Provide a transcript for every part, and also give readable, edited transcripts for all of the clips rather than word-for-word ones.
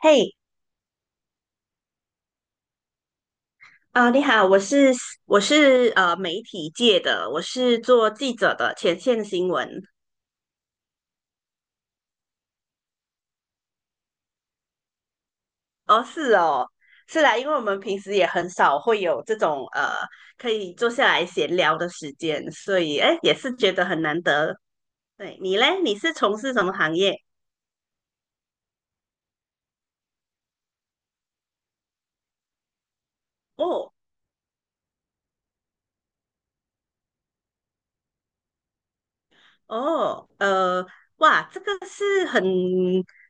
嘿，啊，你好，我是媒体界的，我是做记者的前线新闻。哦，是哦，是啦，因为我们平时也很少会有这种可以坐下来闲聊的时间，所以哎，也是觉得很难得。对，你嘞，你是从事什么行业？哦，哦，哇，这个是很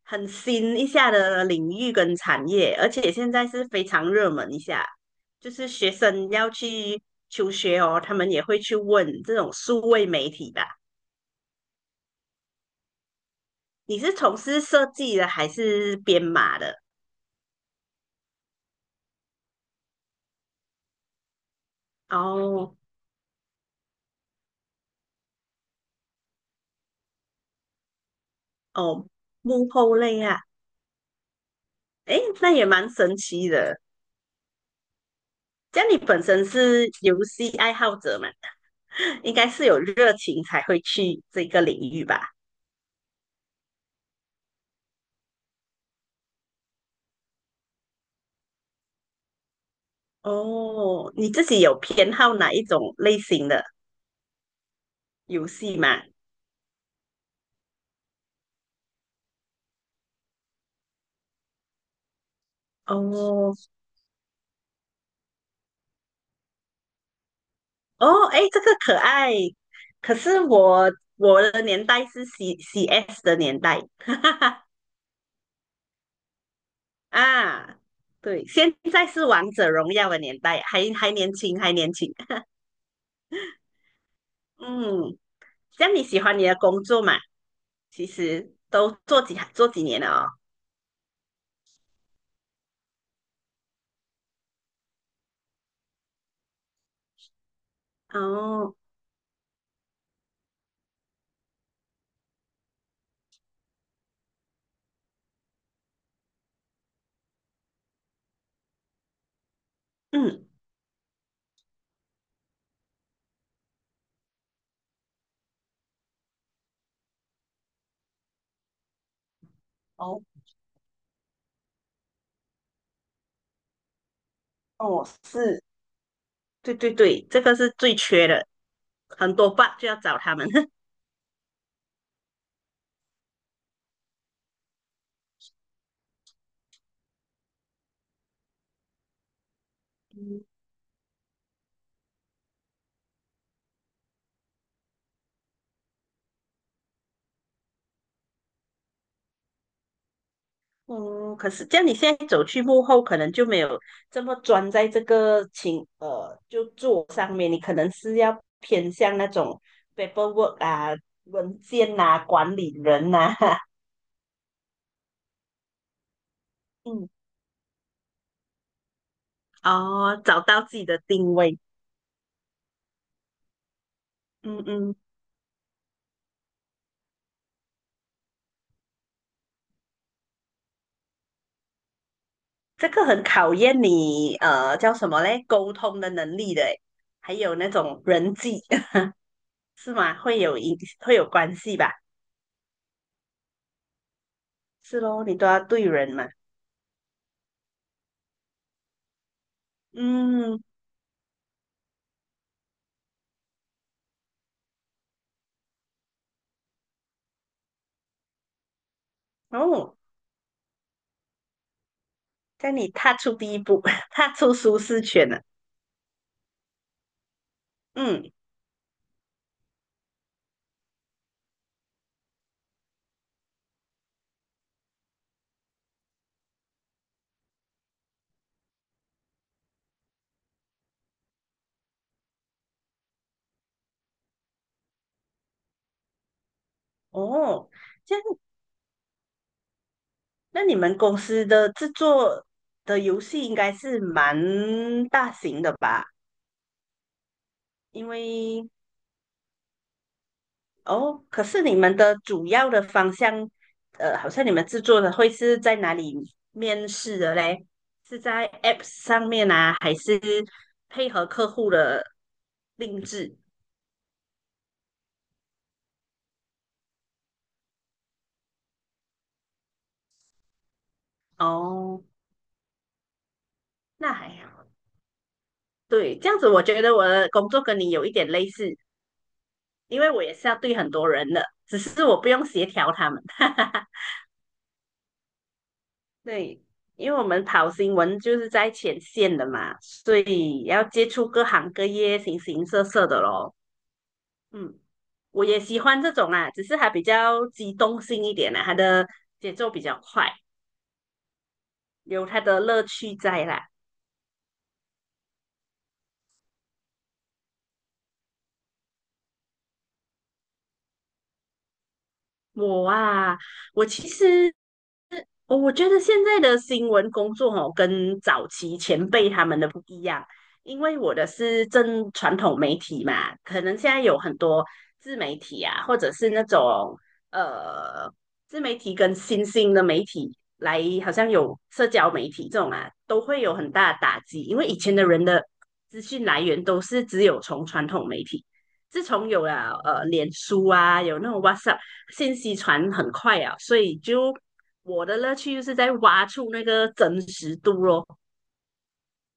很新一下的领域跟产业，而且现在是非常热门一下，就是学生要去求学哦，他们也会去问这种数位媒体吧。你是从事设计的还是编码的？哦哦，幕后类啊，诶，那也蛮神奇的。这样你本身是游戏爱好者嘛，应该是有热情才会去这个领域吧？哦，你自己有偏好哪一种类型的游戏吗？哦哦，哎，这个可爱。可是我的年代是 C CS 的年代，哈哈哈啊，对，现在是王者荣耀的年代，还年轻，还年轻。嗯，这样你喜欢你的工作嘛？其实都做几年了哦。哦，嗯，哦哦，是，对对对，这个是最缺的，很多 bug 就要找他们。嗯，可是这样你现在走去幕后，可能就没有这么专在这个就做上面，你可能是要偏向那种 paperwork 啊、文件呐、管理人呐、嗯，哦，找到自己的定位，嗯嗯，这个很考验你叫什么嘞，沟通的能力的诶，还有那种人际 是吗？会有关系吧？是咯，你都要对人嘛，嗯。哦，在你踏出第一步，踏出舒适圈了。嗯，哦，这样，那你们公司的制作的游戏应该是蛮大型的吧？因为哦，可是你们的主要的方向，好像你们制作的会是在哪里面试的嘞？是在 App 上面啊，还是配合客户的定制？哦，那还好。对，这样子我觉得我的工作跟你有一点类似，因为我也是要对很多人的，只是我不用协调他们。对，因为我们跑新闻就是在前线的嘛，所以要接触各行各业、形形色色的咯。嗯，我也喜欢这种啦，只是它比较机动性一点啦，它的节奏比较快，有它的乐趣在啦。我啊，我其实哦，我觉得现在的新闻工作哦，跟早期前辈他们的不一样，因为我的是正传统媒体嘛，可能现在有很多自媒体啊，或者是那种呃自媒体跟新兴的媒体来，好像有社交媒体这种啊，都会有很大的打击，因为以前的人的资讯来源都是只有从传统媒体，自从有了脸书啊，有那种 WhatsApp，信息传很快啊，所以就。我的乐趣就是在挖出那个真实度咯，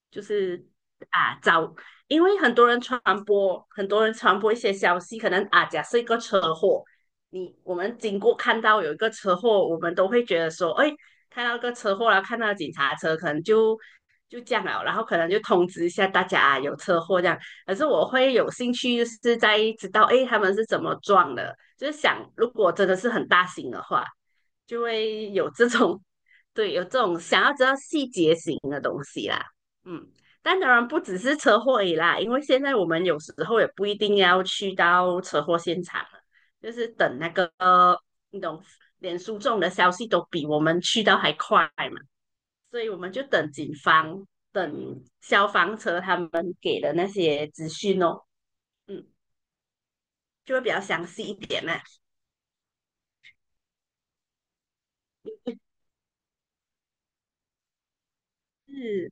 就是啊找，因为很多人传播，很多人传播一些消息，可能啊假设一个车祸，你我们经过看到有一个车祸，我们都会觉得说，哎，看到一个车祸了，看到警察车，可能就这样了，然后可能就通知一下大家、啊、有车祸这样。可是我会有兴趣，就是在知道哎他们是怎么撞的，就是想如果真的是很大型的话，就会有这种。对，有这种想要知道细节型的东西啦。嗯，但当然不只是车祸而已啦，因为现在我们有时候也不一定要去到车祸现场了，就是等那个你懂，连书中的消息都比我们去到还快嘛，所以我们就等警方、等消防车他们给的那些资讯哦，嗯，就会比较详细一点啦。是，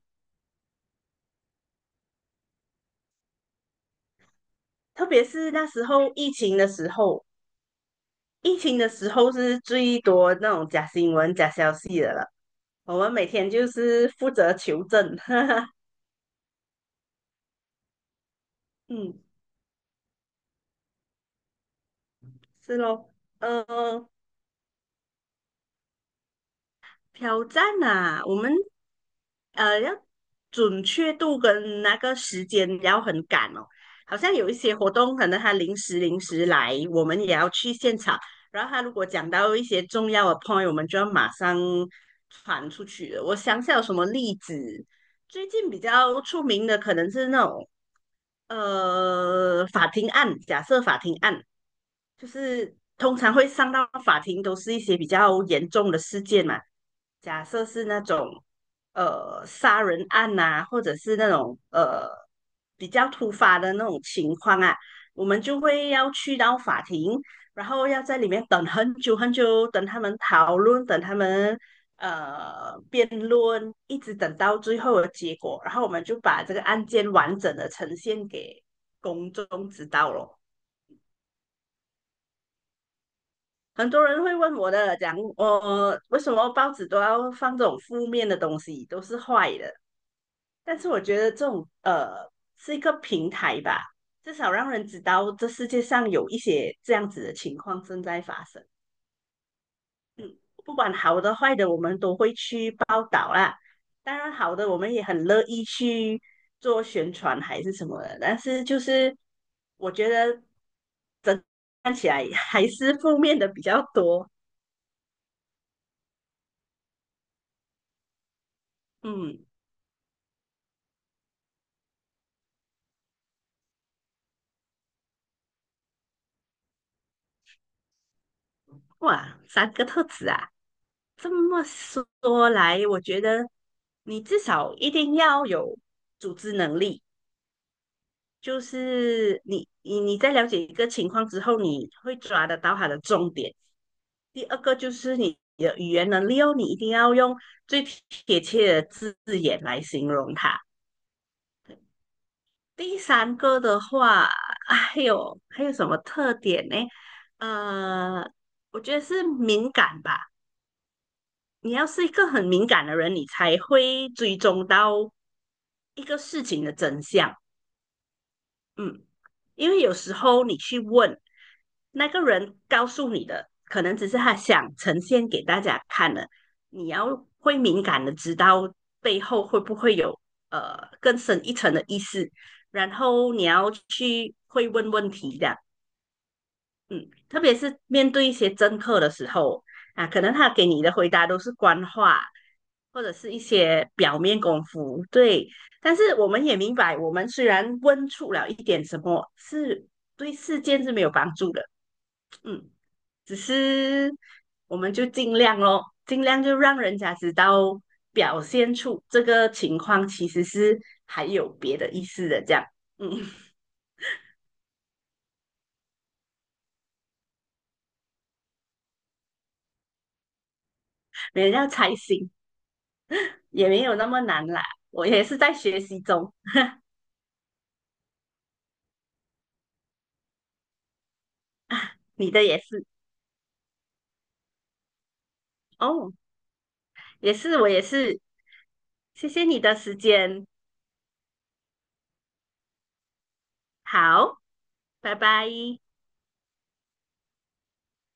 特别是那时候疫情的时候，疫情的时候是最多那种假新闻、假消息的了。我们每天就是负责求证，哈哈，嗯，是咯，呃，挑战啊，我们要准确度跟那个时间要很赶哦，好像有一些活动可能他临时来，我们也要去现场，然后他如果讲到一些重要的 point，我们就要马上传出去了我想想有什么例子，最近比较出名的可能是那种。法庭案，假设法庭案，就是通常会上到法庭，都是一些比较严重的事件嘛。假设是那种杀人案呐、或者是那种比较突发的那种情况啊，我们就会要去到法庭，然后要在里面等很久很久，等他们讨论，等他们辩论，一直等到最后的结果，然后我们就把这个案件完整的呈现给公众知道咯。很多人会问我的，讲我为什么报纸都要放这种负面的东西，都是坏的。但是我觉得这种是一个平台吧，至少让人知道这世界上有一些这样子的情况正在发生，不管好的坏的，我们都会去报道啦。当然好的，我们也很乐意去做宣传还是什么的，但是就是我觉得看起来还是负面的比较多，嗯。哇，三个特质啊！这么说来，我觉得你至少一定要有组织能力，就是你在了解一个情况之后，你会抓得到它的重点。第二个就是你的语言能力哦，你一定要用最贴切的字眼来形容它。第三个的话，啊还有什么特点呢？呃，我觉得是敏感吧。你要是一个很敏感的人，你才会追踪到一个事情的真相。嗯，因为有时候你去问那个人告诉你的，可能只是他想呈现给大家看的。你要会敏感的知道背后会不会有更深一层的意思，然后你要去会问问题的。嗯，特别是面对一些政客的时候啊，可能他给你的回答都是官话，或者是一些表面功夫。对，但是我们也明白，我们虽然问出了一点什么，是对事件是没有帮助的。嗯，只是我们就尽量咯，尽量就让人家知道，表现出这个情况其实是还有别的意思的，这样，嗯，别人要猜心也没有那么难啦。我也是在学习中。你的也是哦，我也是，谢谢你的时间，好，拜拜。